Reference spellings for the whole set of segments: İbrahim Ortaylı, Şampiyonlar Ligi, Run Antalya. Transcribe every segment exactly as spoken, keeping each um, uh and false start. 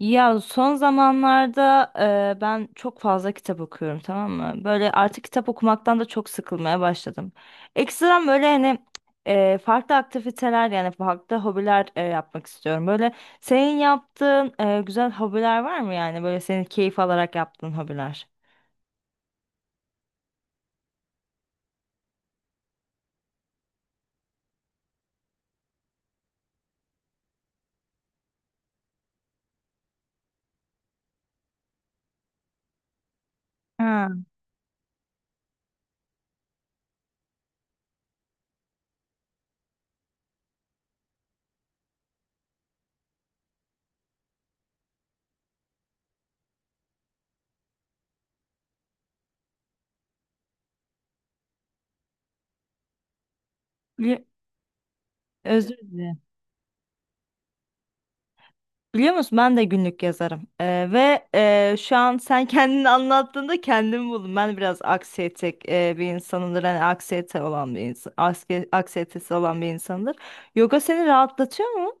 Ya son zamanlarda e, ben çok fazla kitap okuyorum, tamam mı? Böyle artık kitap okumaktan da çok sıkılmaya başladım. Ekstradan böyle hani e, farklı aktiviteler, yani farklı hobiler e, yapmak istiyorum. Böyle senin yaptığın e, güzel hobiler var mı yani? Böyle senin keyif alarak yaptığın hobiler. Ha. bili- Özür dilerim. Biliyor musun, ben de günlük yazarım. Ee, ve e, şu an sen kendini anlattığında kendimi buldum. Ben biraz aksiyetek e, bir insanımdır. Hani aksiyete olan bir insan, aske- aksiyetesi olan bir insandır. Yoga seni rahatlatıyor mu?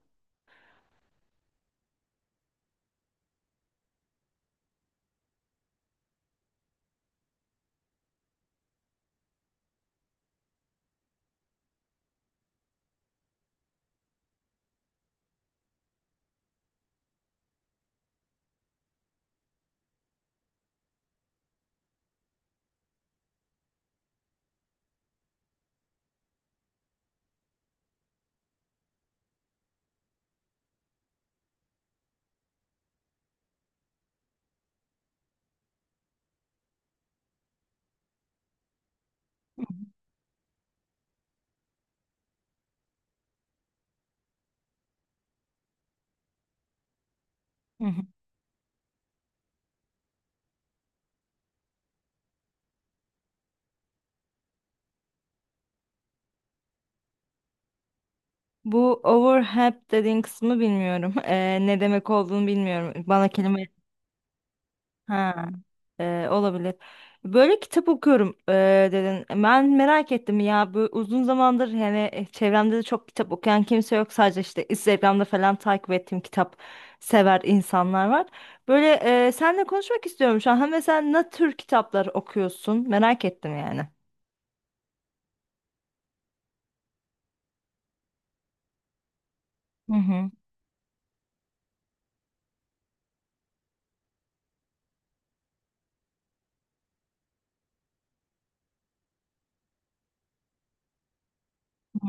Hı hı. Bu overhead dediğin kısmı bilmiyorum. Ee, ne demek olduğunu bilmiyorum. Bana kelime... Ha. Ee, olabilir. Böyle kitap okuyorum, ee, dedin. Ben merak ettim ya, bu uzun zamandır hani çevremde de çok kitap okuyan kimse yok. Sadece işte Instagram'da falan takip ettiğim kitap sever insanlar var. Böyle ee, seninle konuşmak istiyorum şu an. Ha, mesela ne tür kitaplar okuyorsun? Merak ettim yani. Hı hı. Hı.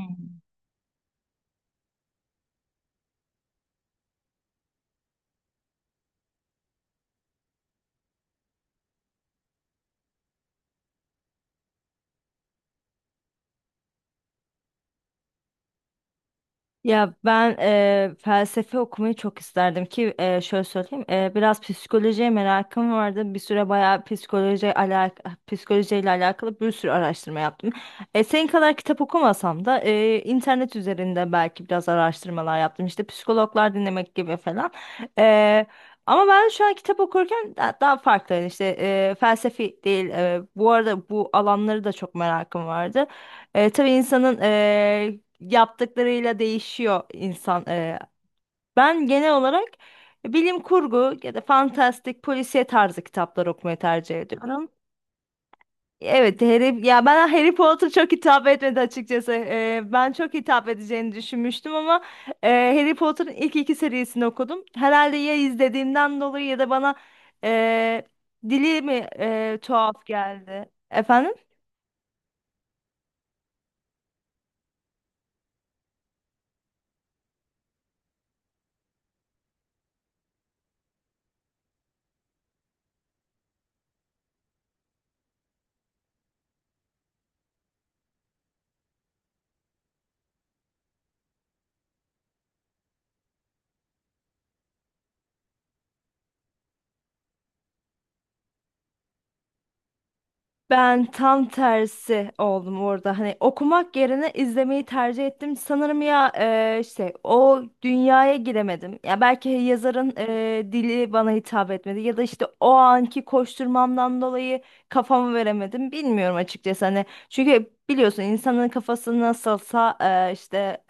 Ya ben eee, felsefe okumayı çok isterdim ki eee, şöyle söyleyeyim, eee, biraz psikolojiye merakım vardı, bir süre bayağı psikoloji alak psikolojiyle alakalı bir sürü araştırma yaptım. E, senin kadar kitap okumasam da eee, internet üzerinde belki biraz araştırmalar yaptım, işte psikologlar dinlemek gibi falan. Eee, Ama ben şu an kitap okurken da- daha farklı, yani işte eee, felsefi değil, eee, bu arada bu alanları da çok merakım vardı. E, tabii insanın eee, yaptıklarıyla değişiyor insan. Ee, ben genel olarak bilim kurgu ya da fantastik polisiye tarzı kitaplar okumayı tercih ediyorum. Evet, Harry, ya ben Harry Potter çok hitap etmedi açıkçası. Ee, ben çok hitap edeceğini düşünmüştüm ama e, Harry Potter'ın ilk iki serisini okudum. Herhalde ya izlediğimden dolayı ya da bana e, dili mi e, tuhaf geldi. Efendim? Ben tam tersi oldum orada. Hani okumak yerine izlemeyi tercih ettim. Sanırım ya, e, işte o dünyaya giremedim. Ya belki yazarın e, dili bana hitap etmedi ya da işte o anki koşturmamdan dolayı kafamı veremedim. Bilmiyorum açıkçası hani. Çünkü biliyorsun insanın kafası nasılsa e, işte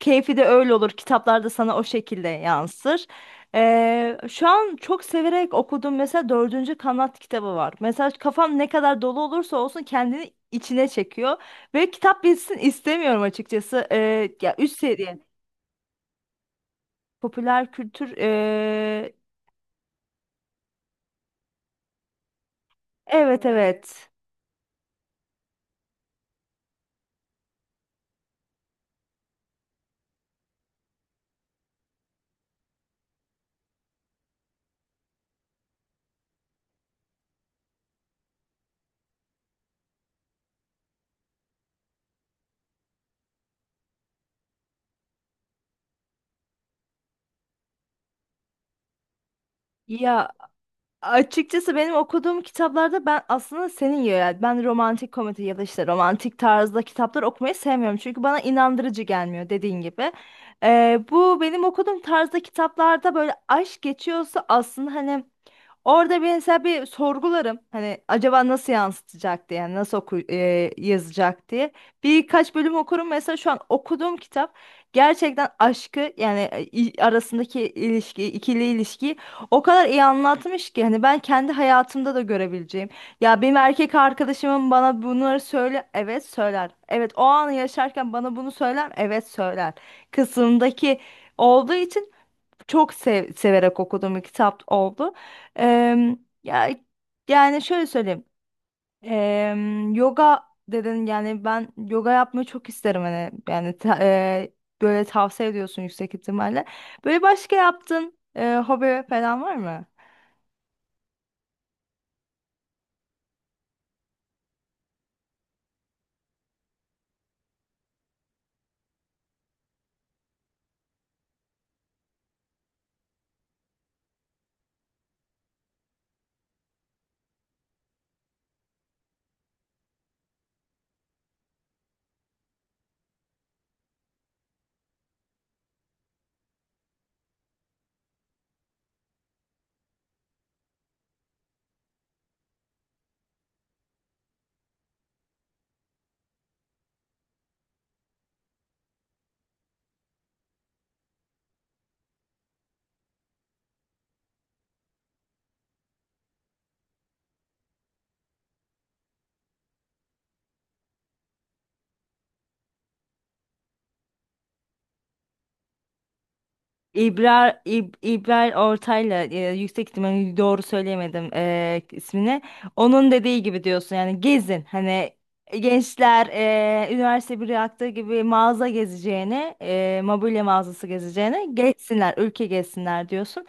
keyfi de öyle olur. Kitaplarda sana o şekilde yansır. Ee, şu an çok severek okuduğum mesela dördüncü kanat kitabı var. Mesela kafam ne kadar dolu olursa olsun kendini içine çekiyor. Ve kitap bitsin istemiyorum açıkçası. Ee, ya üst seviye popüler kültür. Ee, evet, evet. Ya, açıkçası benim okuduğum kitaplarda, ben aslında senin gibi, yani ben romantik komedi ya da işte romantik tarzda kitaplar okumayı sevmiyorum. Çünkü bana inandırıcı gelmiyor, dediğin gibi. Ee, bu benim okuduğum tarzda kitaplarda böyle aşk geçiyorsa, aslında hani orada mesela bir sorgularım. Hani acaba nasıl yansıtacak diye, yani nasıl oku e, yazacak diye. Birkaç bölüm okurum. Mesela şu an okuduğum kitap gerçekten aşkı, yani e, i- arasındaki ilişki, ikili ilişkiyi o kadar iyi anlatmış ki, hani ben kendi hayatımda da görebileceğim. Ya benim erkek arkadaşımın bana bunları söyle, evet söyler. Evet, o anı yaşarken bana bunu söyler, evet söyler. Kısımdaki olduğu için çok sev- severek okuduğum bir kitap oldu. Em, Ya, yani şöyle söyleyeyim. Em, yoga dedin, yani ben yoga yapmayı çok isterim, hani yani ta- e, böyle tavsiye ediyorsun yüksek ihtimalle. Böyle başka yaptığın e, hobi falan var mı? İbrar, İb, İbrahim Ortaylı, e, yüksek ihtimalle doğru söyleyemedim e, ismini. Onun dediği gibi diyorsun, yani gezin. Hani e, gençler e, üniversite bir yaptığı gibi mağaza gezeceğini, e, mobilya mağazası gezeceğini gezsinler, ülke gezsinler diyorsun.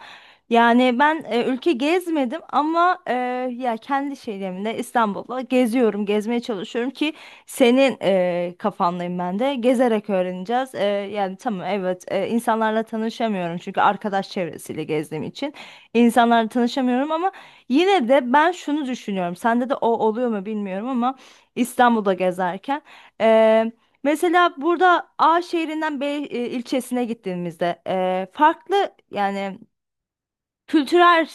Yani ben e, ülke gezmedim ama e, ya kendi şeylerimle İstanbul'da geziyorum, gezmeye çalışıyorum ki senin e, kafandayım ben de. Gezerek öğreneceğiz. E, yani tamam, evet, e, insanlarla tanışamıyorum çünkü arkadaş çevresiyle gezdiğim için insanlarla tanışamıyorum ama yine de ben şunu düşünüyorum. Sende de o oluyor mu bilmiyorum ama İstanbul'da gezerken e, mesela burada A şehrinden B e, ilçesine gittiğimizde e, farklı yani kültürel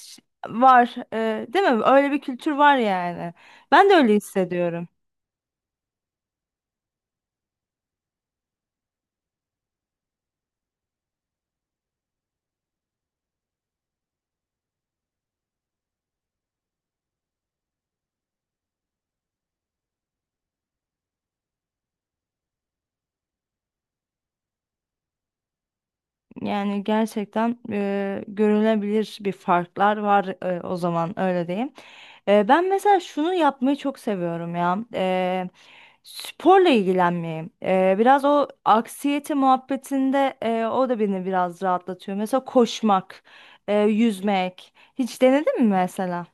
var, e, değil mi? Öyle bir kültür var yani. Ben de öyle hissediyorum. Yani gerçekten e, görülebilir bir farklar var, e, o zaman öyle diyeyim. E, ben mesela şunu yapmayı çok seviyorum ya. E, sporla ilgilenmeyi. E, biraz o aksiyete muhabbetinde e, o da beni biraz rahatlatıyor. Mesela koşmak, e, yüzmek. Hiç denedin mi mesela?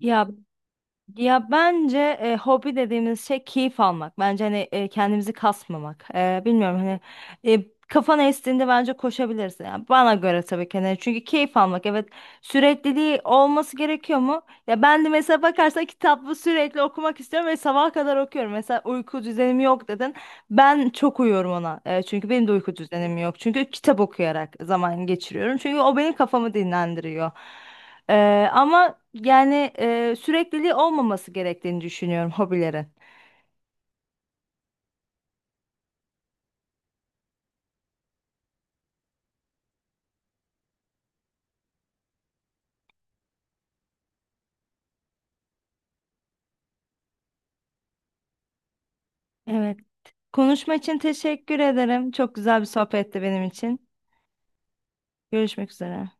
Ya. Ya bence e, hobi dediğimiz şey keyif almak. Bence hani e, kendimizi kasmamak. E, bilmiyorum hani e, kafana estiğinde bence koşabilirsin. Yani bana göre tabii ki. Hani çünkü keyif almak, evet, sürekliliği olması gerekiyor mu? Ya ben de mesela bakarsan kitabı sürekli okumak istiyorum ve sabaha kadar okuyorum. Mesela uyku düzenim yok, dedin. Ben çok uyuyorum ona. Ee, çünkü benim de uyku düzenim yok. Çünkü kitap okuyarak zaman geçiriyorum. Çünkü o benim kafamı dinlendiriyor. Ee, ama yani e, sürekliliği olmaması gerektiğini düşünüyorum hobilerin. Evet. Konuşma için teşekkür ederim. Çok güzel bir sohbetti benim için. Görüşmek üzere.